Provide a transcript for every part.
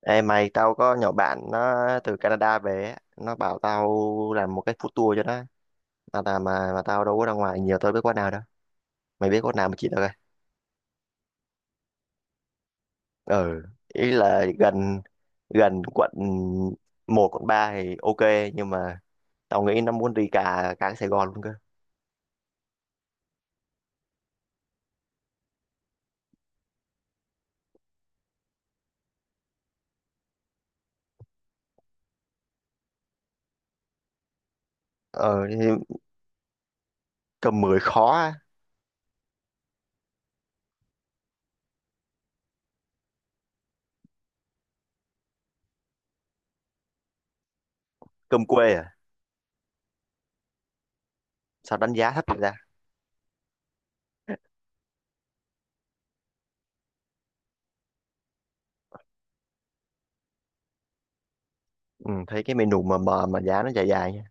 Ê mày, tao có nhỏ bạn nó từ Canada về ấy. Nó bảo tao làm một cái food tour cho nó mà tao đâu có ra ngoài nhiều, tao biết quán nào đâu. Mày biết quán nào mà chỉ tao coi. Ừ, ý là gần, gần quận một quận 3 thì ok, nhưng mà tao nghĩ nó muốn đi cả cả Sài Gòn luôn cơ. Ờ thì cơm mười khó á. Cơm quê à? Sao đánh giá thấp vậy ra? Ừ, thấy cái menu mà mờ mà giá nó dài dài nha.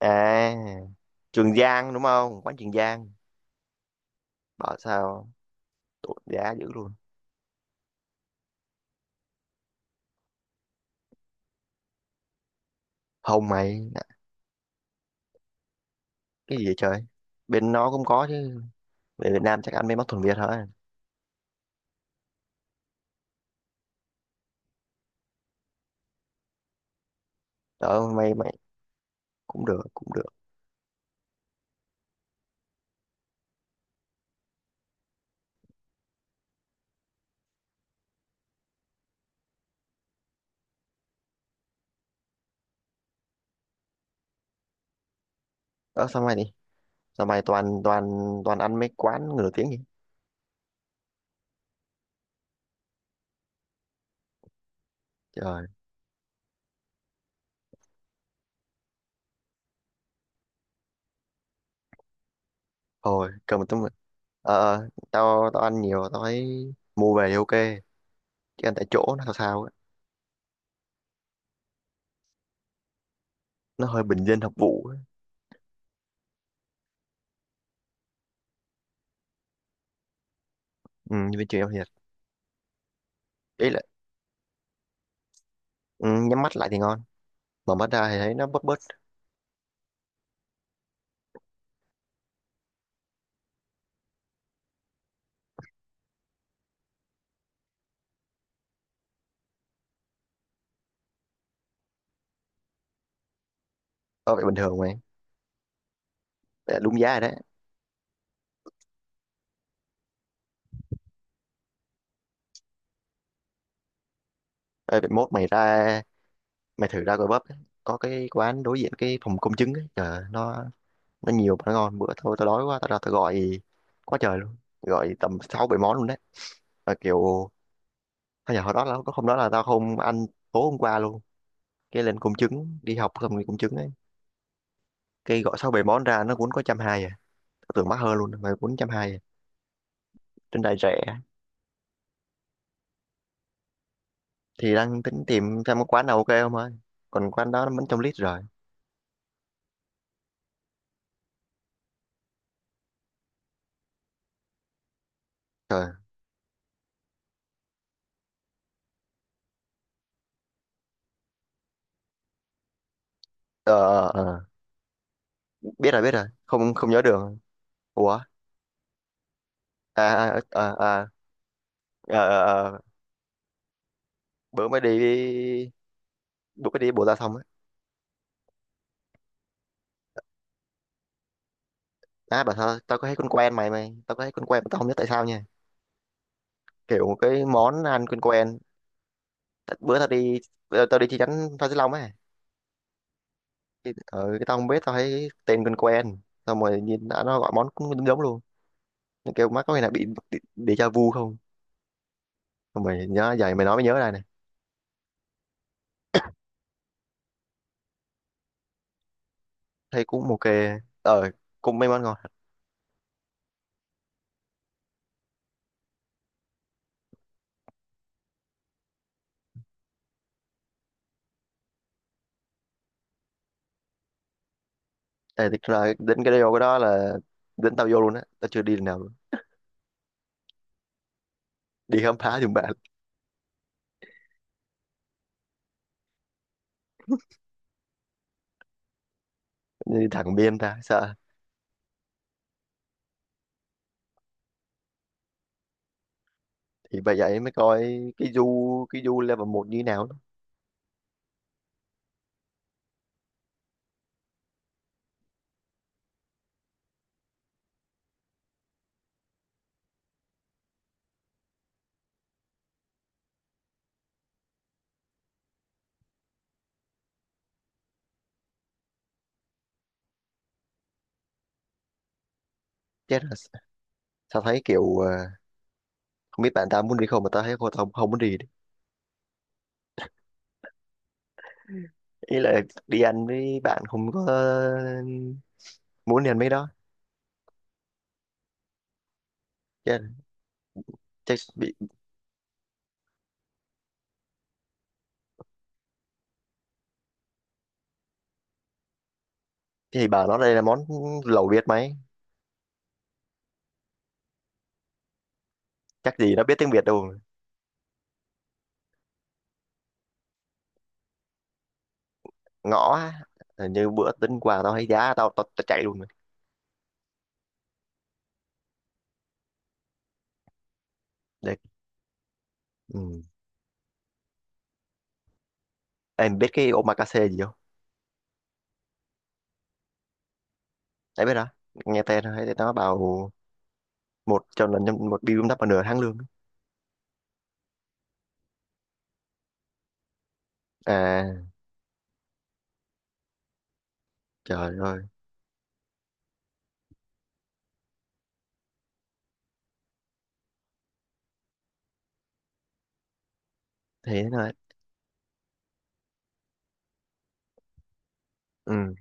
À, Trường Giang đúng không, quán Trường Giang? Bảo sao tụt giá dữ luôn. Không mày. Cái gì vậy trời? Bên nó cũng có chứ. Về Việt Nam chắc ăn mấy món thuần Việt thôi. Đó mày mày Cũng được cũng được. Đó sao mày đi? Sao mày toàn toàn toàn ăn mấy quán người nổi tiếng vậy? Trời. Thôi cầm tụi mày. Tao tao ăn nhiều tao thấy mua về thì ok, chứ ăn tại chỗ nó sao sao á. Nó hơi bình dân hợp vụ á. Ừ, như bên trường em thiệt. Ý là. Ừ, nhắm mắt lại thì ngon, mở mắt ra thì thấy nó bớt bớt. Ở vậy bình thường mày. Vậy là đúng giá rồi đấy. Ê, vậy mốt mày ra, mày thử ra Gò bắp, có cái quán đối diện cái phòng công chứng ấy. Trời ơi, nó nhiều món ngon. Bữa thôi tao đói quá tao ra tao gọi quá trời luôn, gọi tầm sáu bảy món luôn đấy. Mà kiểu thôi giờ hồi đó là có hôm đó là tao không ăn tối hôm qua luôn, cái lên công chứng đi học xong rồi công chứng ấy, cái gọi sáu bảy món ra nó cũng có trăm hai à. Tao tưởng mắc hơn luôn mà cũng trăm hai à. Trên đài rẻ. Thì đang tính tìm xem có quán nào ok không ơi. Còn quán đó nó vẫn trong list rồi. Trời. Ờ. Biết rồi biết rồi, không không nhớ đường. Ủa. À. ờ ờ, ờ. Bữa mới đi, bữa mới đi Bồ Gia xong á. À bảo sao tao có thấy con quen, mày mày tao có thấy con quen mà tao không nhớ tại sao nha. Kiểu một cái món ăn quen quen. Tại bữa tao đi, bữa tao đi chi nhánh Phan Xích Long á. Cái tao không biết, tao thấy tên quen quen, xong rồi nhìn đã, nó gọi món cũng giống giống luôn. Nó kêu má có khi nào bị déjà vu không? Xong rồi nhớ vậy, mày nói mới nhớ lại này. Thấy cũng ok. Ờ, cũng mấy món ngon. Ê, thực ra đến cái điều cái đó là đến tao vô luôn á, tao chưa đi lần nào luôn. Đi khám phá giùm bạn. Đi thẳng biên ta sợ. Thì bởi vậy mới coi cái du, cái du level một như thế nào đó. Chết là sao, thấy kiểu không biết bạn tao muốn đi không mà tao thấy cô không, không muốn đi. Ý là đi ăn với bạn không có muốn đi ăn mấy đó. chết là- chắc bị. Thì bảo nó đây là món lẩu Việt mày. Chắc gì nó biết tiếng Việt đâu. Ngõ á. Ờ, như bữa tính quà tao thấy giá tao tao, tao chạy luôn rồi đấy. Ừ. Em biết cái omakase gì không? Đấy biết đó. Nghe tên thôi thấy nó bảo một cho lần, một bill đắp vào nửa tháng lương. À trời ơi. Thế thôi. Ừ,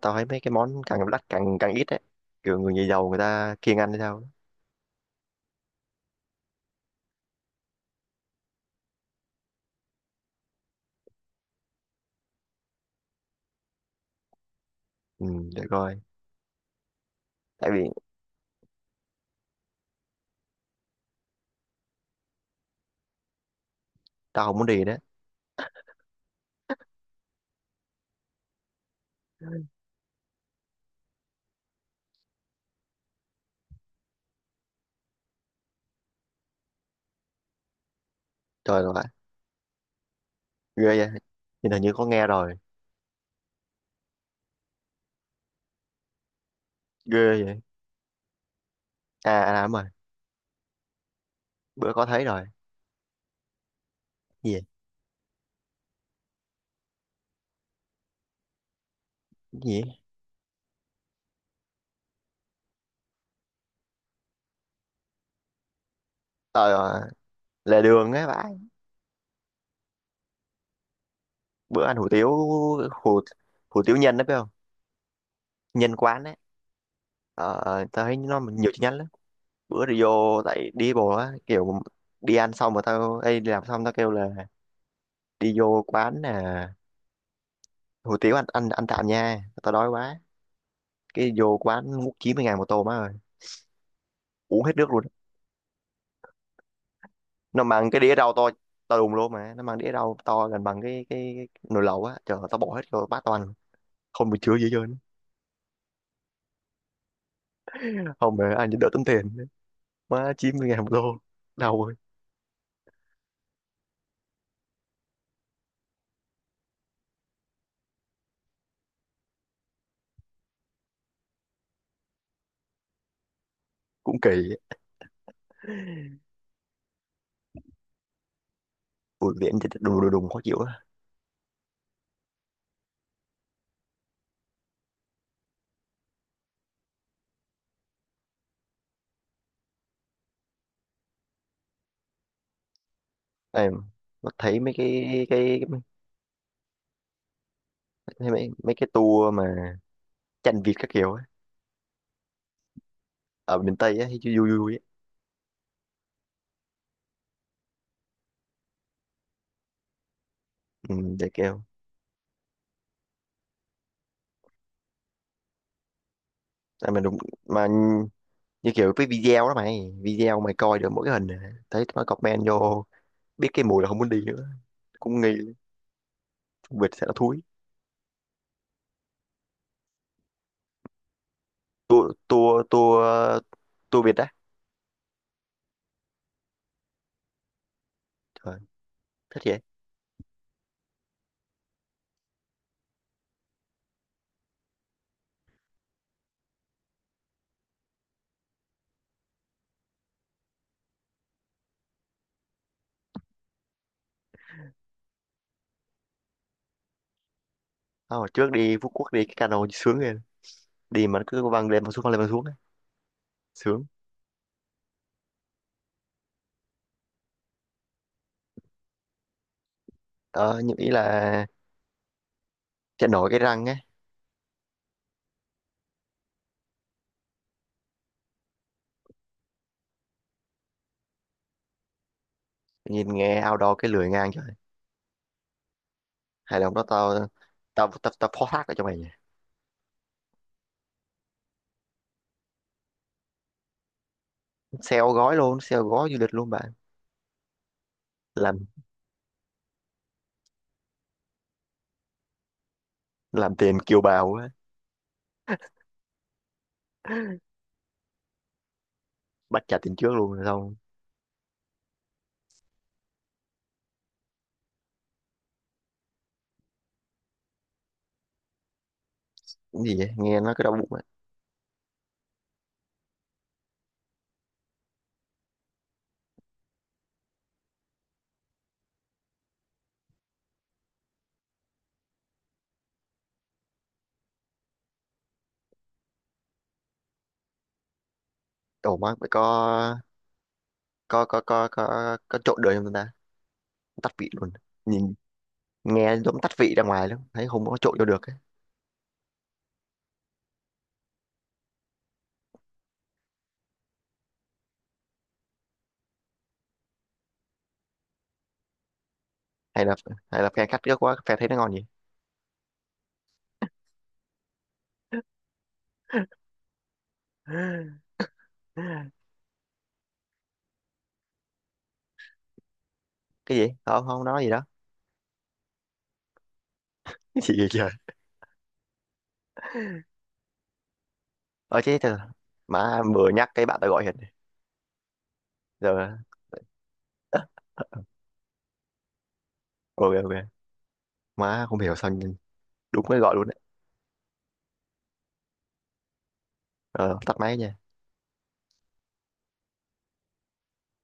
tao thấy mấy cái món càng đắt càng càng ít đấy. Kiểu người nhà giàu người ta kiêng ăn hay sao ấy. Ừ, để coi. Tại vì tao không muốn đi đấy. Trời ơi, ghê vậy. Nhìn hình như có nghe rồi. Ghê vậy. À, à đúng rồi. Bữa có thấy rồi. Gì vậy? Cái gì vậy? Ờ, à, lề đường ấy bạn. Bữa ăn hủ tiếu, hủ hủ tiếu nhân đấy phải không? Nhân quán đấy. Ờ, tao thấy nó nhiều chi nhánh lắm. Bữa thì vô tại đi bộ á, kiểu đi ăn xong mà tao ê, đi làm xong tao kêu là đi vô quán nè, hủ tiếu ăn ăn ăn tạm nha tao đói quá. Cái vô quán múc 90 ngàn một tô má ơi, uống hết nước luôn. Nó mang cái đĩa rau to, to đùng luôn, mà nó mang đĩa rau to gần bằng cái nồi lẩu á. Trời ơi, tao bỏ hết vô bát toàn không bị chứa gì hết trơn á. Không mà ăn đỡ tốn tiền. Má 90 ngàn một tô, đau ơi. Cũng kỳ á. Ui, biển thì đùng đùng đùng khó chịu á. Em nó thấy mấy cái mấy cái tour mà tranh Việt các kiểu á, ở miền Tây á thì vui vui vui á. Ừ, để kêu. À, mà đúng mà, như kiểu cái video đó mày, video mày coi được mỗi cái hình này. Thấy nó comment vô biết cái mùi là không muốn đi nữa. Cũng nghi Việt sẽ là thúi. Tour tour tour tour Việt đó. Trời thích vậy. Ờ, trước đi Phú Quốc đi cái cano sướng rồi, đi mà nó cứ văng lên văng xuống văng lên văng xuống á. Sướng. Đó nhưng ý là chạy nổi cái răng á. Nhìn nghe outdoor cái lười ngang trời. Hay là hôm đó tao, tao phó thác ở cho mày nha. Sale gói luôn, sale gói du lịch luôn bạn. Làm làm tiền kiều bào á. Bắt trả tiền trước luôn rồi xong. Cái gì vậy nghe nó cứ đau bụng. Ổ má phải có có trộn được không ta? Tắt vị luôn. Nhìn nghe giống tắt vị ra ngoài lắm, thấy không có trộn vô được ấy. Hay là, hay là phe khách ghét quá phe thấy nó ngon gì. Cái gì không không nói gì đó. Cái gì vậy trời. Ờ chứ thật. Má vừa nhắc cái bạn ta gọi hiện giờ. Ok ok. Má không hiểu sao nhưng đúng mới gọi luôn đấy. Ờ tắt máy nha.